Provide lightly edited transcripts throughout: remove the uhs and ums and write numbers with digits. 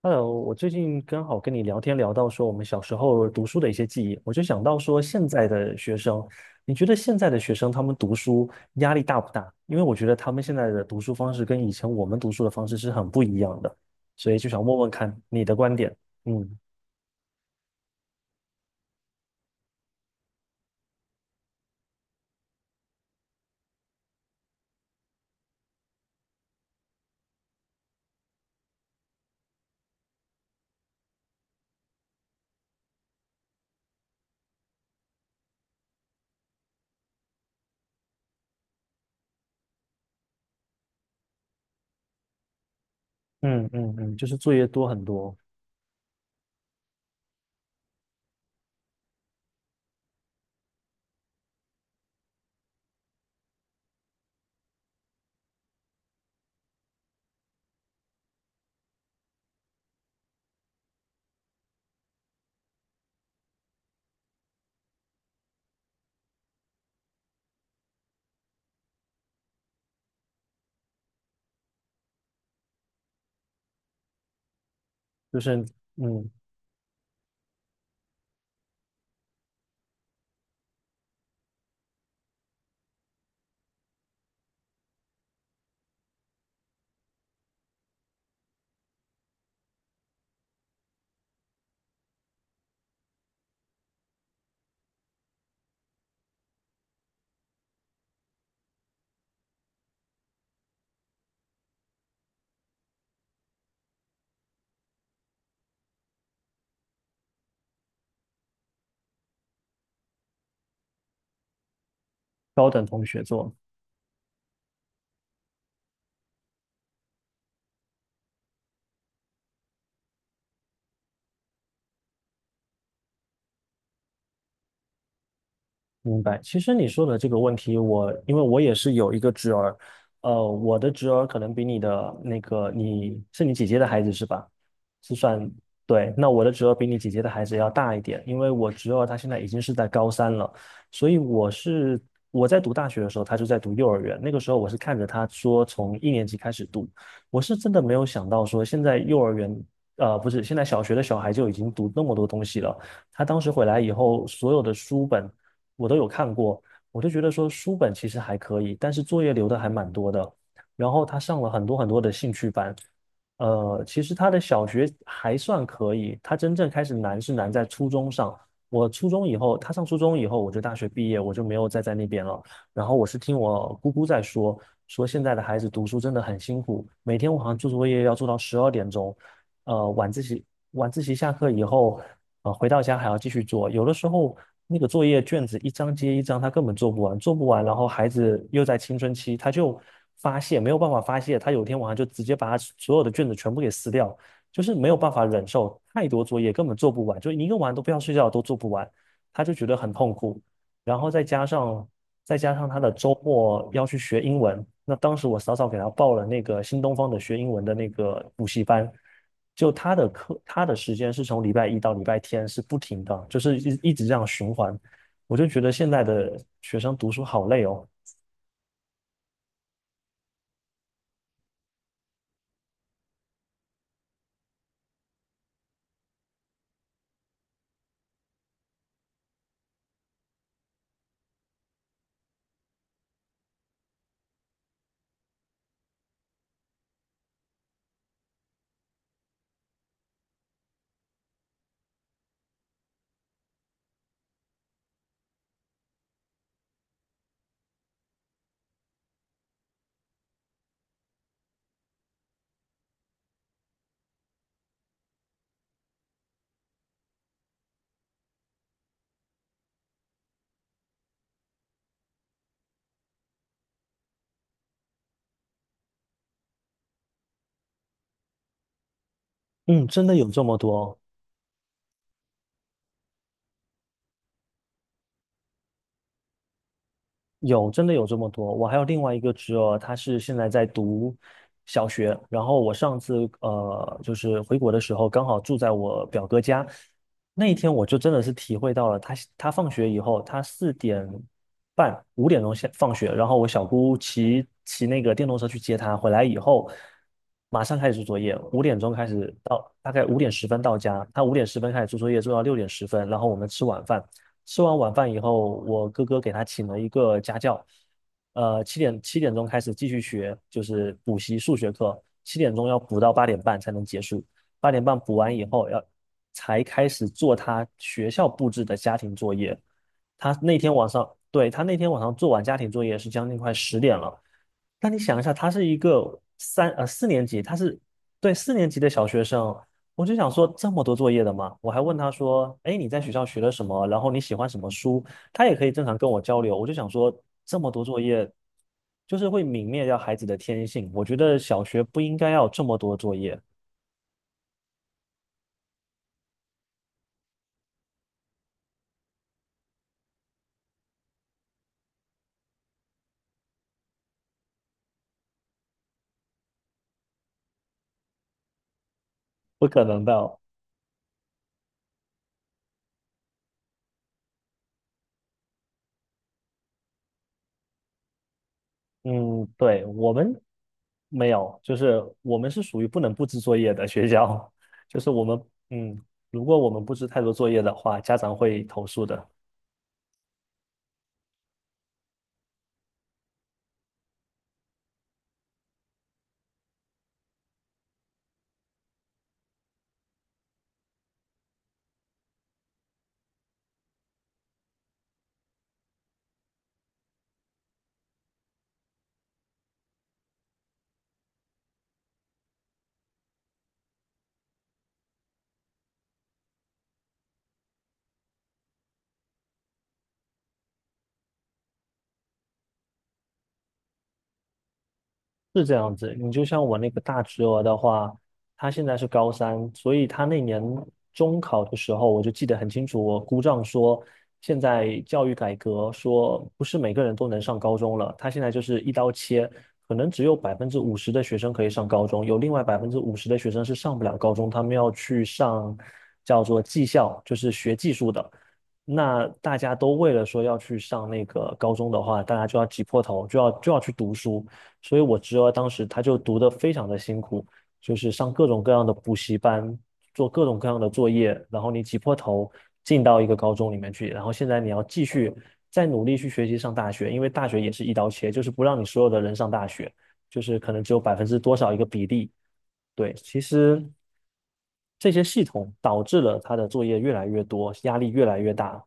Hello，我最近刚好跟你聊天聊到说我们小时候读书的一些记忆，我就想到说现在的学生，你觉得现在的学生他们读书压力大不大？因为我觉得他们现在的读书方式跟以前我们读书的方式是很不一样的，所以就想问问看你的观点。嗯嗯嗯嗯，就是作业多很多，就是嗯高等同学做。明白。其实你说的这个问题，我因为我也是有一个侄儿，我的侄儿可能比你的那个你姐姐的孩子是吧？是算，对，那我的侄儿比你姐姐的孩子要大一点，因为我侄儿他现在已经是在高三了，所以我在读大学的时候，他就在读幼儿园，那个时候我是看着他说从一年级开始读，我是真的没有想到说现在幼儿园。不是，现在小学的小孩就已经读那么多东西了。他当时回来以后，所有的书本我都有看过，我就觉得说书本其实还可以，但是作业留的还蛮多的。然后他上了很多很多的兴趣班，其实他的小学还算可以，他真正开始难是难在初中上。我初中以后，他上初中以后，我就大学毕业，我就没有再在那边了。然后我是听我姑姑在说，说现在的孩子读书真的很辛苦，每天晚上做作业要做到12点钟，呃晚自习晚自习下课以后，回到家还要继续做，有的时候那个作业卷子一张接一张，他根本做不完，做不完，然后孩子又在青春期，他就发泄，没有办法发泄，他有一天晚上就直接把他所有的卷子全部给撕掉，就是没有办法忍受太多作业，根本做不完，就你一个晚上都不要睡觉都做不完，他就觉得很痛苦。然后再加上他的周末要去学英文，那当时我早早给他报了那个新东方的学英文的那个补习班，就他的课他的时间是从礼拜一到礼拜天是不停的，就是一直这样循环，我就觉得现在的学生读书好累哦，嗯，真的有这么多。有，真的有这么多。我还有另外一个侄儿，他是现在在读小学。然后我上次就是回国的时候，刚好住在我表哥家。那一天我就真的是体会到了他，他放学以后，他4点半、五点钟下放学，然后我小姑骑那个电动车去接他，回来以后马上开始做作业，五点钟开始到，大概五点十分到家，他五点十分开始做作业，做到6点10分，然后我们吃晚饭。吃完晚饭以后，我哥哥给他请了一个家教，七点钟开始继续学，就是补习数学课，七点钟要补到八点半才能结束。八点半补完以后，才开始做他学校布置的家庭作业。他那天晚上，对，他那天晚上做完家庭作业是将近快10点了。那你想一下，他是一个四年级，对四年级的小学生，我就想说，这么多作业的吗？我还问他说："哎，你在学校学了什么？然后你喜欢什么书？"他也可以正常跟我交流。我就想说，这么多作业，就是会泯灭掉孩子的天性。我觉得小学不应该要有这么多作业，不可能的。嗯，对，我们没有，就是我们是属于不能布置作业的学校，就是我们，嗯，如果我们布置太多作业的话，家长会投诉的。是这样子，你就像我那个大侄儿的话，他现在是高三，所以他那年中考的时候，我就记得很清楚，我姑丈说，现在教育改革说不是每个人都能上高中了，他现在就是一刀切，可能只有百分之五十的学生可以上高中，有另外百分之五十的学生是上不了高中，他们要去上叫做技校，就是学技术的。那大家都为了说要去上那个高中的话，大家就要挤破头，就要去读书。所以我侄儿当时他就读得非常的辛苦，就是上各种各样的补习班，做各种各样的作业，然后你挤破头进到一个高中里面去，然后现在你要继续再努力去学习上大学，因为大学也是一刀切，就是不让你所有的人上大学，就是可能只有百分之多少一个比例。对，其实这些系统导致了他的作业越来越多，压力越来越大，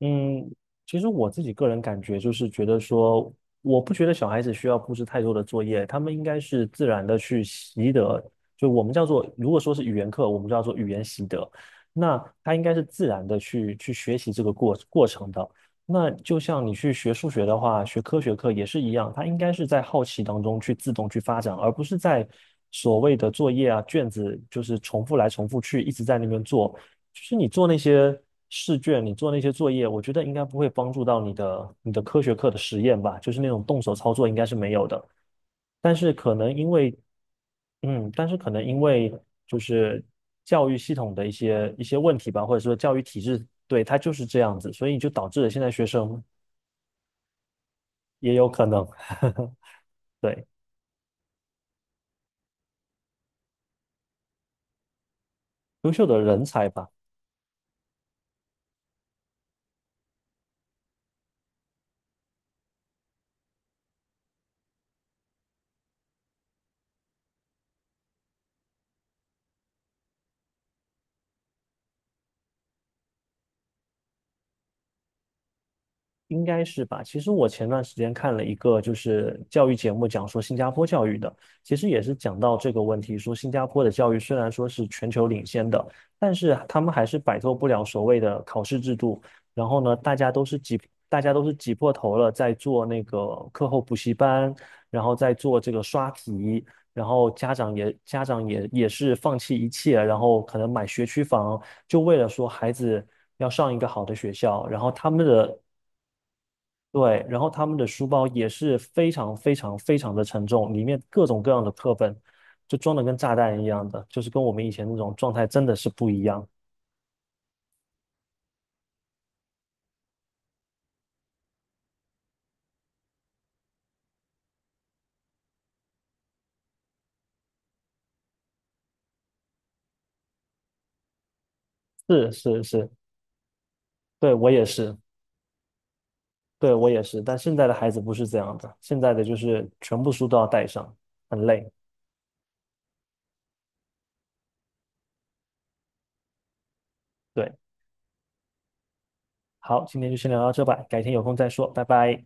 嗯，其实我自己个人感觉就是觉得说，我不觉得小孩子需要布置太多的作业，他们应该是自然的去习得。就我们叫做，如果说是语言课，我们叫做语言习得，那他应该是自然的去学习这个过程的。那就像你去学数学的话，学科学课也是一样，他应该是在好奇当中去自动去发展，而不是在所谓的作业啊、卷子，就是重复来重复去，一直在那边做。就是你做那些试卷，你做那些作业，我觉得应该不会帮助到你的科学课的实验吧，就是那种动手操作应该是没有的。但是可能因为，嗯，但是可能因为就是教育系统的一些问题吧，或者说教育体制，对，它就是这样子，所以就导致了现在学生也有可能，对，优秀的人才吧。应该是吧。其实我前段时间看了一个就是教育节目，讲说新加坡教育的，其实也是讲到这个问题，说新加坡的教育虽然说是全球领先的，但是他们还是摆脱不了所谓的考试制度。然后呢，大家都是挤，大家都是挤破头了，在做那个课后补习班，然后在做这个刷题，然后家长也是放弃一切，然后可能买学区房，就为了说孩子要上一个好的学校，然后他们的对，然后他们的书包也是非常非常非常的沉重，里面各种各样的课本就装的跟炸弹一样的，就是跟我们以前那种状态真的是不一样。是是是，对，我也是，对，我也是，但现在的孩子不是这样的，现在的就是全部书都要带上，很累。对，好，今天就先聊到这吧，改天有空再说，拜拜。